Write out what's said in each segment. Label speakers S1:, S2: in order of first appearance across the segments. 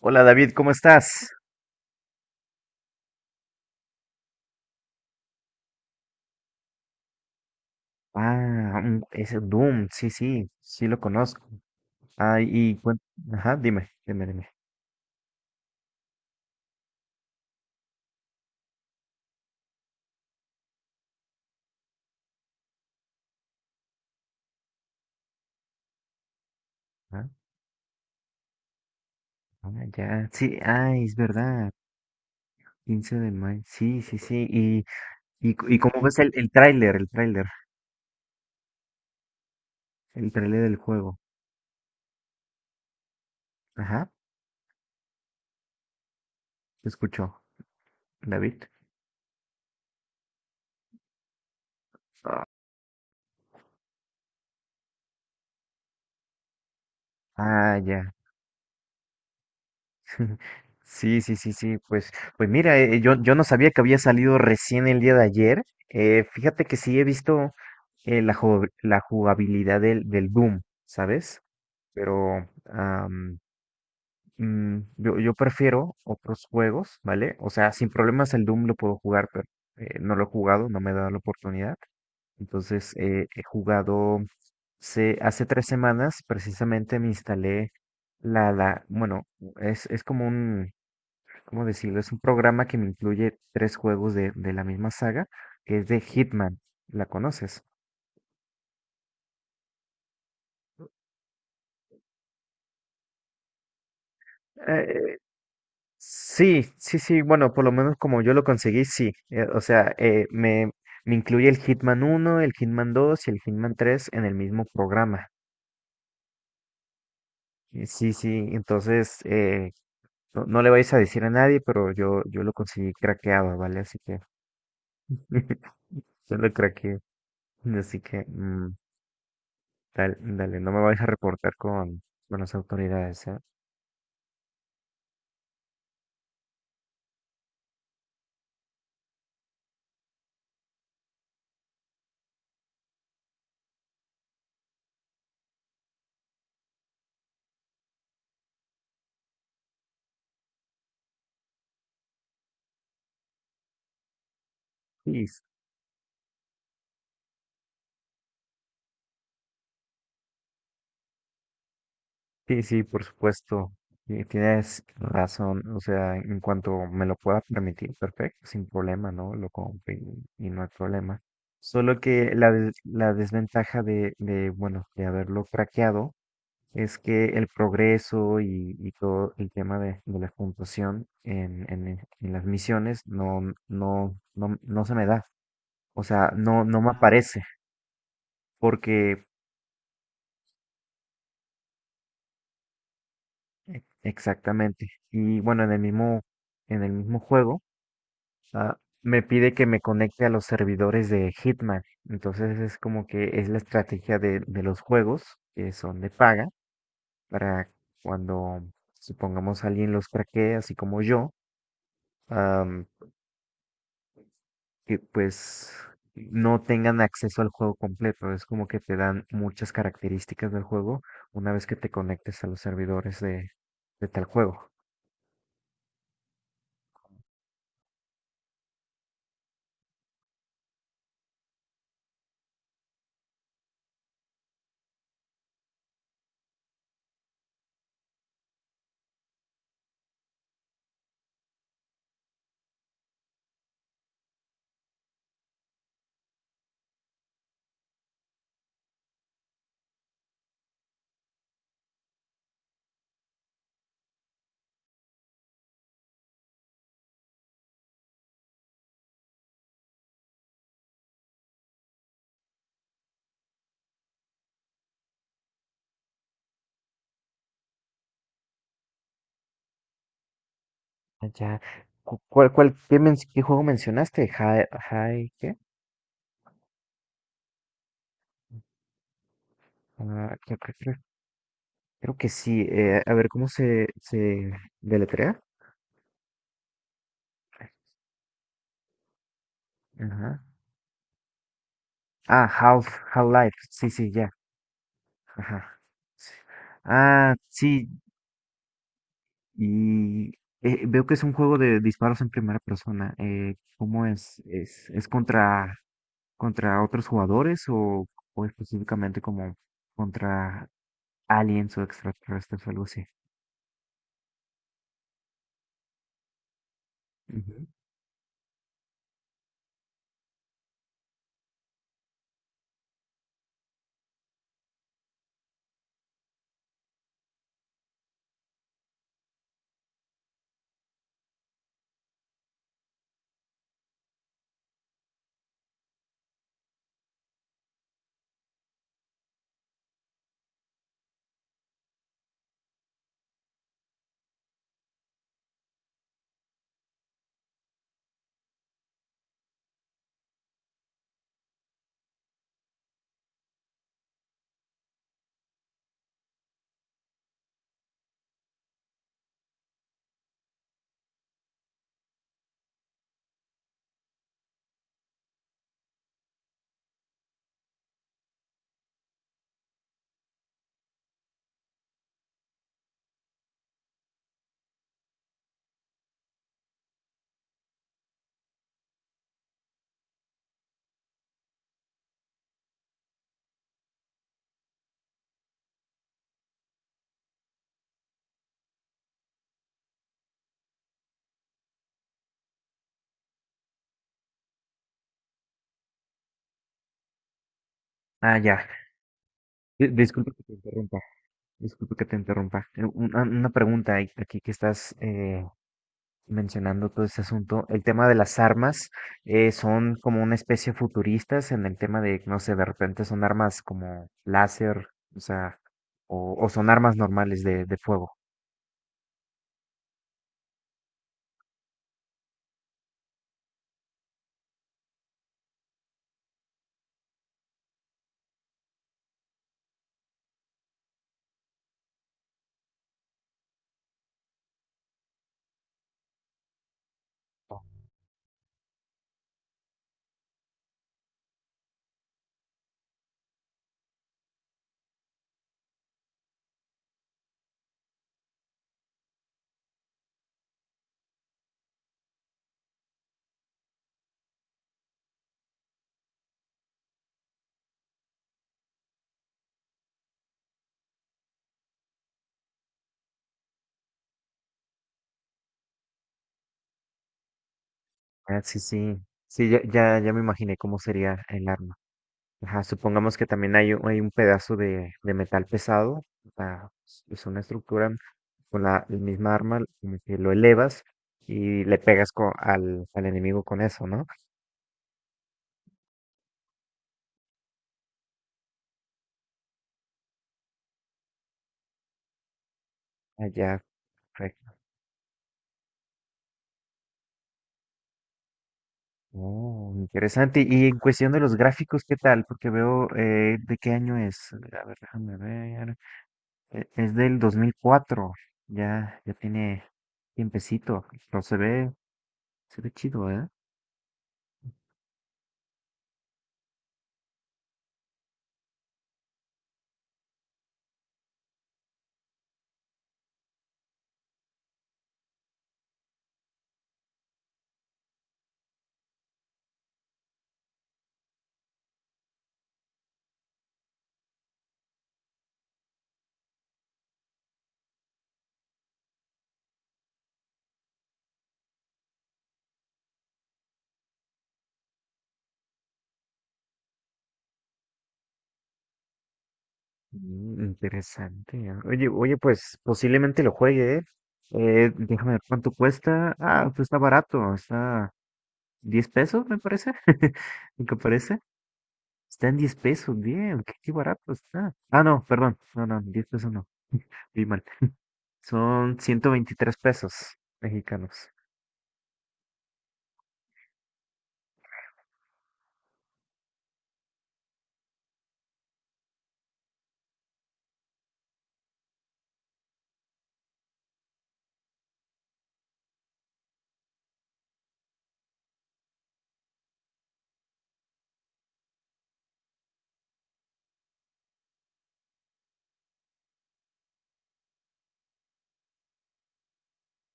S1: Hola David, ¿cómo estás? Es el Doom, sí, sí, sí lo conozco. Ay, y ajá, dime, dime, dime. Ah, ah, ya, sí, ay, es verdad, 15 de mayo, sí, sí, sí. Y, y cómo ves el tráiler, el tráiler del juego? Ajá, te escucho, David. Ah, ya. Sí, sí, sí, sí, pues, pues mira, yo no sabía que había salido recién el día de ayer. Fíjate que sí he visto la jugabilidad del Doom, ¿sabes? Pero yo prefiero otros juegos, ¿vale? O sea, sin problemas el Doom lo puedo jugar, pero no lo he jugado, no me he dado la oportunidad. Entonces, he jugado, hace 3 semanas precisamente me instalé bueno, es como un ¿cómo decirlo? Es un programa que me incluye tres juegos de la misma saga, que es de Hitman. ¿La conoces? Eh, sí, sí, sí, bueno, por lo menos como yo lo conseguí, sí. O sea, me incluye el Hitman 1 el Hitman 2 y el Hitman 3 en el mismo programa. Sí, sí, entonces no, no le vais a decir a nadie, pero yo lo conseguí craqueado, ¿vale? Así que yo lo craqueé. Así que dale, dale, no me vais a reportar con las autoridades, ¿eh? Sí, sí, sí, por supuesto. Tienes razón. O sea, en cuanto me lo pueda permitir, perfecto, sin problema, ¿no? Lo compro y no hay problema. Solo que la desventaja bueno, de haberlo craqueado es que el progreso y todo el tema de la puntuación en las misiones no se me da. O sea, no me aparece porque exactamente. Y bueno, en el mismo juego. Ah, me pide que me conecte a los servidores de Hitman. Entonces es como que es la estrategia de los juegos que son de paga para cuando supongamos alguien los craquee, así como yo, am, que pues no tengan acceso al juego completo. Es como que te dan muchas características del juego una vez que te conectes a los servidores de tal juego. Ah, ya. ¿Cuál, cuál, qué juego mencionaste? ¿Qué? Ah, ¿qué, qué, qué Creo que sí. A ver, ¿cómo se deletrea? Ajá. Ah, Half, Half-Life. Sí, sí, ya. Ajá. Sí. Ah, sí. Y veo que es un juego de disparos en primera persona. ¿Cómo es? ¿Es contra otros jugadores o específicamente como contra aliens o extraterrestres o algo así? Ujú. Ah, ya. Disculpe que te interrumpa. Disculpe que te interrumpa. Una pregunta aquí que estás mencionando todo este asunto, el tema de las armas son como una especie futuristas en el tema de, no sé, de repente son armas como láser, o sea, o son armas normales de fuego. Ah, sí, sí, sí, ya, ya, ya me imaginé cómo sería el arma. Ajá, supongamos que también hay un pedazo de metal pesado, o sea, es una estructura con el misma arma, como que lo elevas y le pegas al enemigo con eso, ¿no? Ah, ya. Oh, interesante. Y en cuestión de los gráficos, ¿qué tal? Porque veo, ¿de qué año es? A ver, déjame ver. Es del 2004. Ya, ya tiene tiempecito. Pero se ve chido, ¿eh? Interesante, ¿eh? Oye, oye, pues posiblemente lo juegue, ¿eh? Déjame ver cuánto cuesta. Ah, pues está barato. Está 10 pesos, me parece. ¿Qué parece? Está en 10 pesos, bien, qué, qué barato está. Ah, no, perdón, no, no, 10 pesos no, vi mal. Son 123 pesos mexicanos.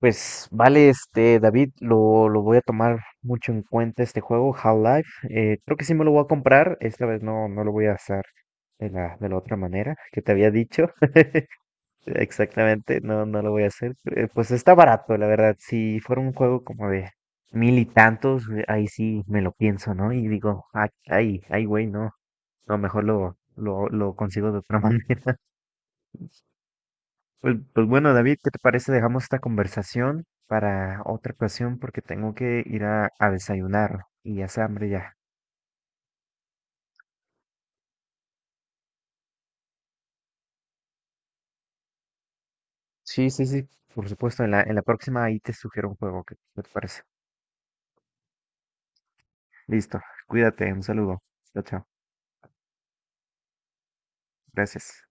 S1: Pues vale, este, David, lo voy a tomar mucho en cuenta este juego, Half-Life. Creo que sí me lo voy a comprar, esta vez no, no lo voy a hacer de la otra manera que te había dicho. Exactamente, no, no lo voy a hacer. Pues está barato, la verdad. Si fuera un juego como de mil y tantos, ahí sí me lo pienso, ¿no? Y digo, "Ah, ay, ay, güey, no. No, mejor lo consigo de otra manera". Pues, pues bueno, David, ¿qué te parece? Dejamos esta conversación para otra ocasión porque tengo que ir a desayunar y hace hambre ya. Sí, sí, sí. Por supuesto, en la próxima ahí te sugiero un juego. ¿Qué, qué te parece? Listo, cuídate, un saludo. Chao, chao. Gracias.